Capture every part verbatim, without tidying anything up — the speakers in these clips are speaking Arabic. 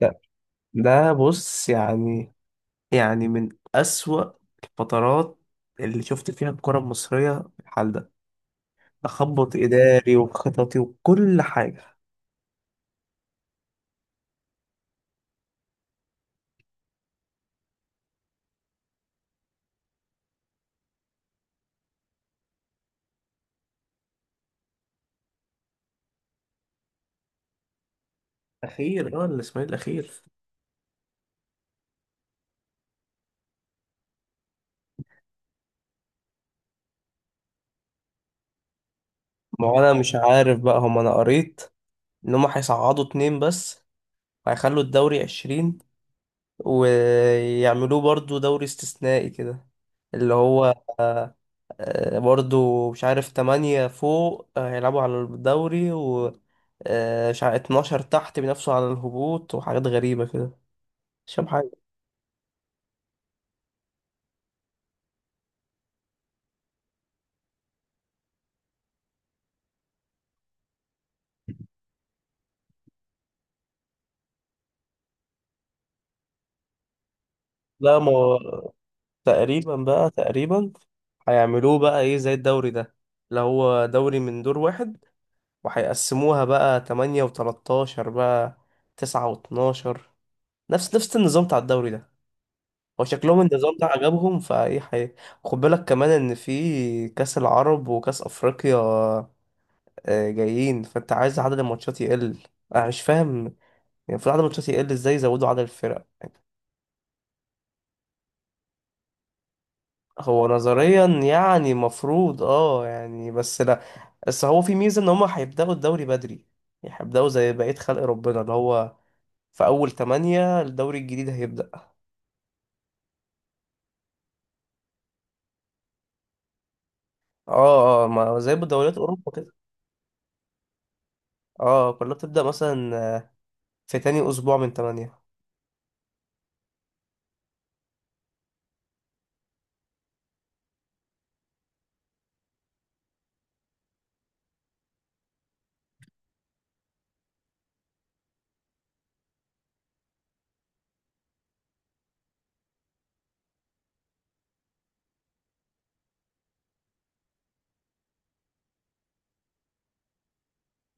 ده ده، بص يعني يعني من أسوأ الفترات اللي شفت فيها الكرة المصرية في الحال ده. تخبط إداري وخططي وكل حاجة. اخير، اه الاسماعيلي الاخير. ما هو أنا مش عارف بقى هم. أنا قريت إن هم هيصعدوا اتنين بس، هيخلوا الدوري عشرين ويعملوه برضو دوري استثنائي كده، اللي هو آه، آه، برضو مش عارف، تمانية فوق آه، هيلعبوا على الدوري، آه، مش عارف اتناشر تحت بينافسوا على الهبوط، وحاجات غريبة كده. مش فاهم حاجة. لا، ما هو تقريبا بقى تقريبا هيعملوه بقى ايه زي الدوري ده، اللي هو دوري من دور واحد، وهيقسموها بقى تمانية و13، بقى تسعة و12، نفس نفس النظام بتاع الدوري ده. هو شكلهم النظام ده عجبهم، فايه حي... خد بالك كمان ان في كاس العرب وكاس افريقيا آه، جايين، فانت عايز عدد الماتشات يقل. انا مش فاهم. يعني المفروض عدد الماتشات يقل، ازاي يزودوا عدد الفرق يعني؟ هو نظريا يعني المفروض اه يعني، بس لا. بس هو في ميزة ان هما هيبدأوا الدوري بدري، يعني هيبدأوا زي بقية خلق ربنا، اللي هو في أول تمانية الدوري الجديد هيبدأ. اه، اه، ما زي بدوريات أوروبا كده. اه، كلها بتبدأ مثلا في تاني أسبوع من تمانية.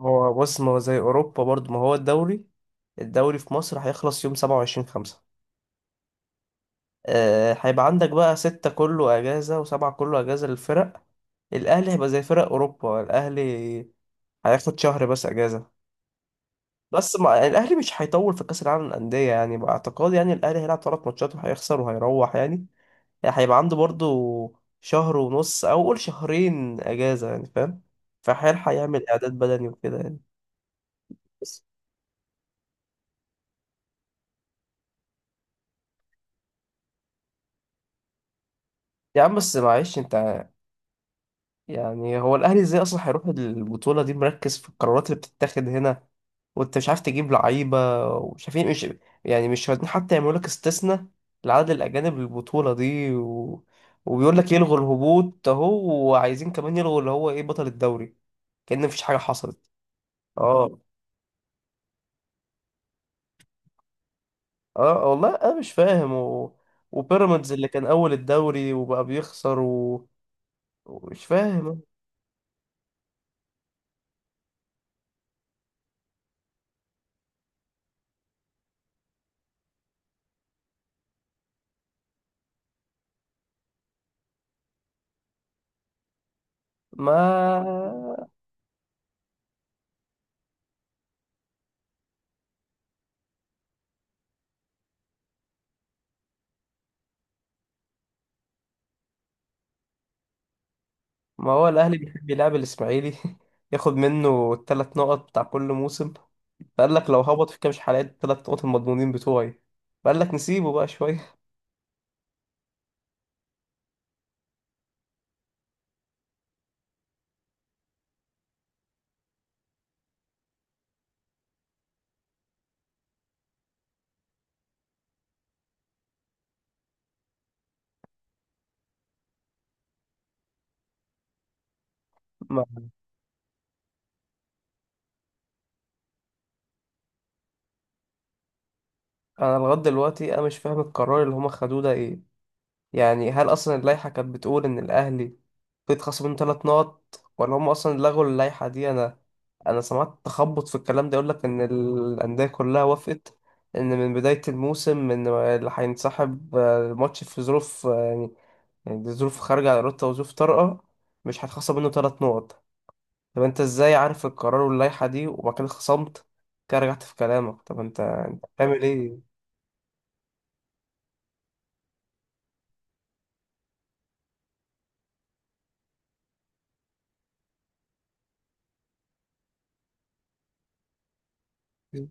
هو بص، ما هو زي أوروبا برضو، ما هو الدوري الدوري في مصر هيخلص يوم سبعة وعشرين خمسة. آه، هيبقى عندك بقى ستة كله أجازة وسبعة كله أجازة للفرق. الاهلي هيبقى زي فرق اوروبا. الاهلي هياخد شهر بس اجازه. بس ما الاهلي مش هيطول في كاس العالم للانديه، يعني باعتقاد يعني الاهلي هيلعب ثلاث ماتشات وهيخسر وهيروح يعني يعني هيبقى عنده برضو شهر ونص او قول شهرين اجازه، يعني فاهم. فهيلحق يعمل اعداد بدني وكده يعني. بس. يا عم بس معلش انت، يعني هو الاهلي ازاي اصلا هيروح البطوله دي، مركز في القرارات اللي بتتاخد هنا. وانت مش عارف تجيب لعيبة، ومش عارفين مش، يعني مش راضيين حتى يعملوا لك استثناء لعدد الأجانب للبطولة دي و... وبيقول لك يلغوا الهبوط أهو، وعايزين كمان يلغوا اللي هو إيه، بطل الدوري، كأن مفيش حاجة حصلت. اه، اه والله أنا مش فاهم و... وبيراميدز اللي كان أول الدوري وبقى بيخسر و... ومش فاهم. ما ما هو الاهلي بيحب يلعب الاسماعيلي ياخد منه الثلاث نقط بتاع كل موسم. فقال لك لو هبط في كام حلقات الثلاث نقط المضمونين بتوعي، فقال لك نسيبه بقى شويه ما انا لغايه دلوقتي انا مش فاهم القرار اللي هما خدوه ده ايه. يعني هل اصلا اللائحه كانت بتقول ان الاهلي بيتخصم منه ثلاث نقط، ولا هم اصلا لغوا اللائحه دي؟ انا انا سمعت تخبط في الكلام ده، يقول لك ان الانديه كلها وافقت ان من بدايه الموسم ان اللي هينسحب آه، الماتش في ظروف آه، يعني دي ظروف خارجة عن إرادته وظروف طارئة، مش هتخصم منه تلات نقط. طب أنت إزاي عارف القرار واللائحة دي، وبعد كده خصمت كده، رجعت في كلامك؟ طب أنت تعمل إيه؟ مش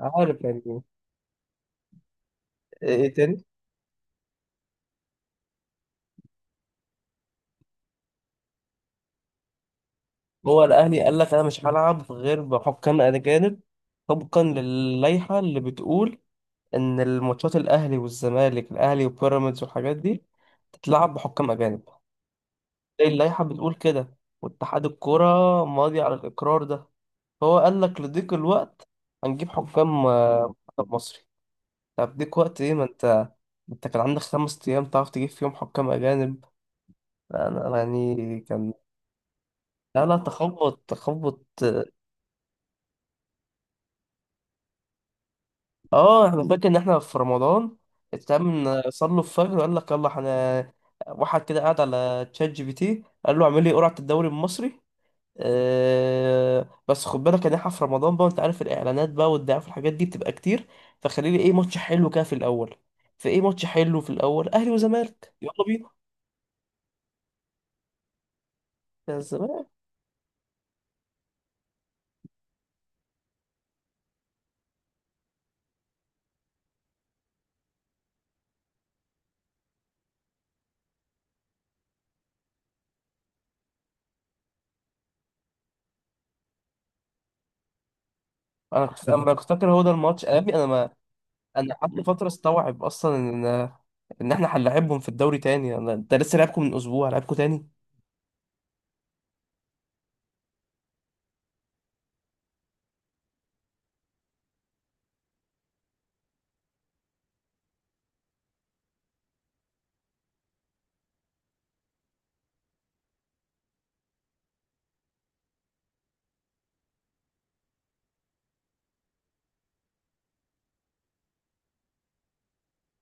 عارف يعني إيه. إيه تاني؟ هو الأهلي قال لك أنا مش هلعب غير بحكام أجانب، طبقا للائحة اللي بتقول إن الماتشات الأهلي والزمالك، الأهلي وبيراميدز والحاجات دي تتلعب بحكام أجانب. اللائحة بتقول كده، واتحاد الكرة ماضي على الإقرار ده. فهو قال لك لضيق الوقت هنجيب حكام آه، منتخب مصري. طب ضيق وقت ايه؟ ما انت انت كان عندك خمس ايام تعرف تجيب فيهم حكام اجانب. انا أنا يعني كان. لا، لا، تخبط تخبط. اه، احنا فاكر ان احنا في رمضان، اتعمل صلوا الفجر وقال لك يلا احنا، واحد كده قاعد على تشات جي بي تي قال له اعمل لي قرعة الدوري المصري. أه، بس خد بالك ان احنا في رمضان بقى، انت عارف الاعلانات بقى والدعايه في الحاجات دي بتبقى كتير، فخليلي ايه ماتش حلو كده في الاول، فايه ماتش حلو في الاول، اهلي وزمالك يلا بينا. يا الزمالك. انا كنت انا كنت فاكر هو ده الماتش، امي انا ما. انا قعدت فتره استوعب اصلا ان ان احنا هنلاعبهم في الدوري تاني. انا انت لسه لعبكم من اسبوع، لعبكم تاني.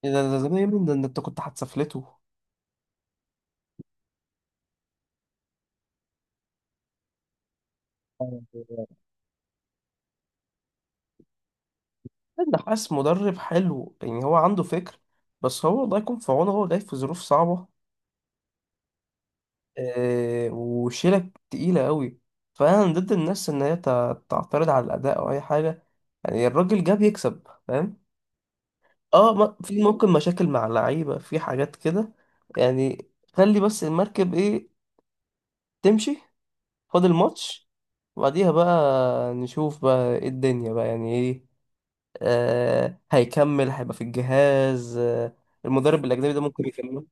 إيه، ده ده زمان يا ابني، ده ده انت كنت هتسفلته. النحاس مدرب حلو، يعني هو عنده فكر. بس هو الله يكون في عونه، هو جاي في ظروف صعبه آه، وشيلة تقيلة قوي. فأنا من ضد الناس إن هي تع- تعترض على الأداء أو أي حاجة. يعني الراجل جاب يكسب فاهم. اه، ما- في ممكن مشاكل مع اللعيبة في حاجات كده، يعني خلي بس المركب ايه، تمشي. فاضل ماتش، وبعديها بقى نشوف بقى ايه الدنيا بقى، يعني ايه؟ آه هيكمل، هيبقى في الجهاز، آه المدرب الأجنبي ده ممكن يكمل؟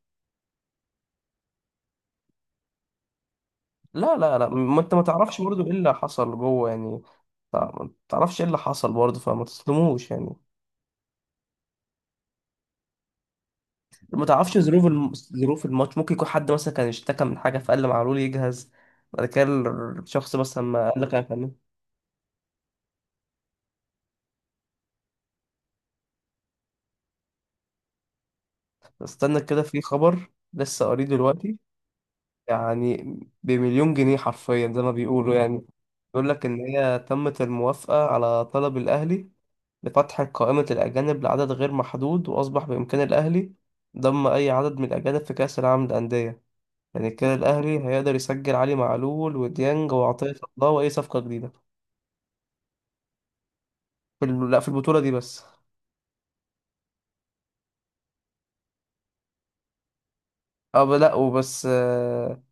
لا، لا، لا، ما انت ما تعرفش برضه ايه اللي حصل جوه يعني. تع- ما تعرفش ايه اللي حصل برضه، فما تظلموش يعني. ما تعرفش ظروف الم... ظروف الماتش، ممكن يكون حد مثلا كان اشتكى من حاجه فقال لمعلول يجهز بعد كده. الشخص مثلا ما قال لك انا فنان. استنى كده، في خبر لسه قريب دلوقتي. يعني بمليون جنيه حرفيا زي ما بيقولوا. يعني بيقول لك ان هي تمت الموافقه على طلب الاهلي لفتح قائمة الأجانب لعدد غير محدود، وأصبح بإمكان الأهلي ضم أي عدد من الأجانب في كأس العالم للأندية. يعني كده الأهلي هيقدر يسجل علي معلول وديانج وعطية الله وأي صفقة جديدة. في ال... لا في البطولة دي بس. أه، ب- لا وبس. آه،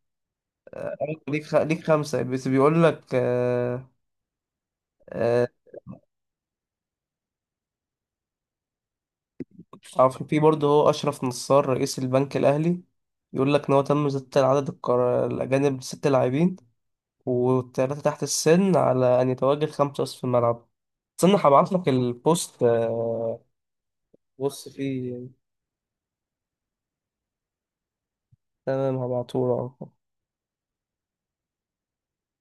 آه، آه، ليك خ... ليك خمسة بس، بيقول لك آه، آه، عارف في برضه، هو أشرف نصار رئيس البنك الأهلي يقول لك إن هو تم زيادة عدد القرار الأجانب ست لاعبين والتلاتة تحت السن، على أن يتواجد خمسة أصف في الملعب. استنى هبعتلك البوست آه، بص فيه. تمام، هبعتهولك.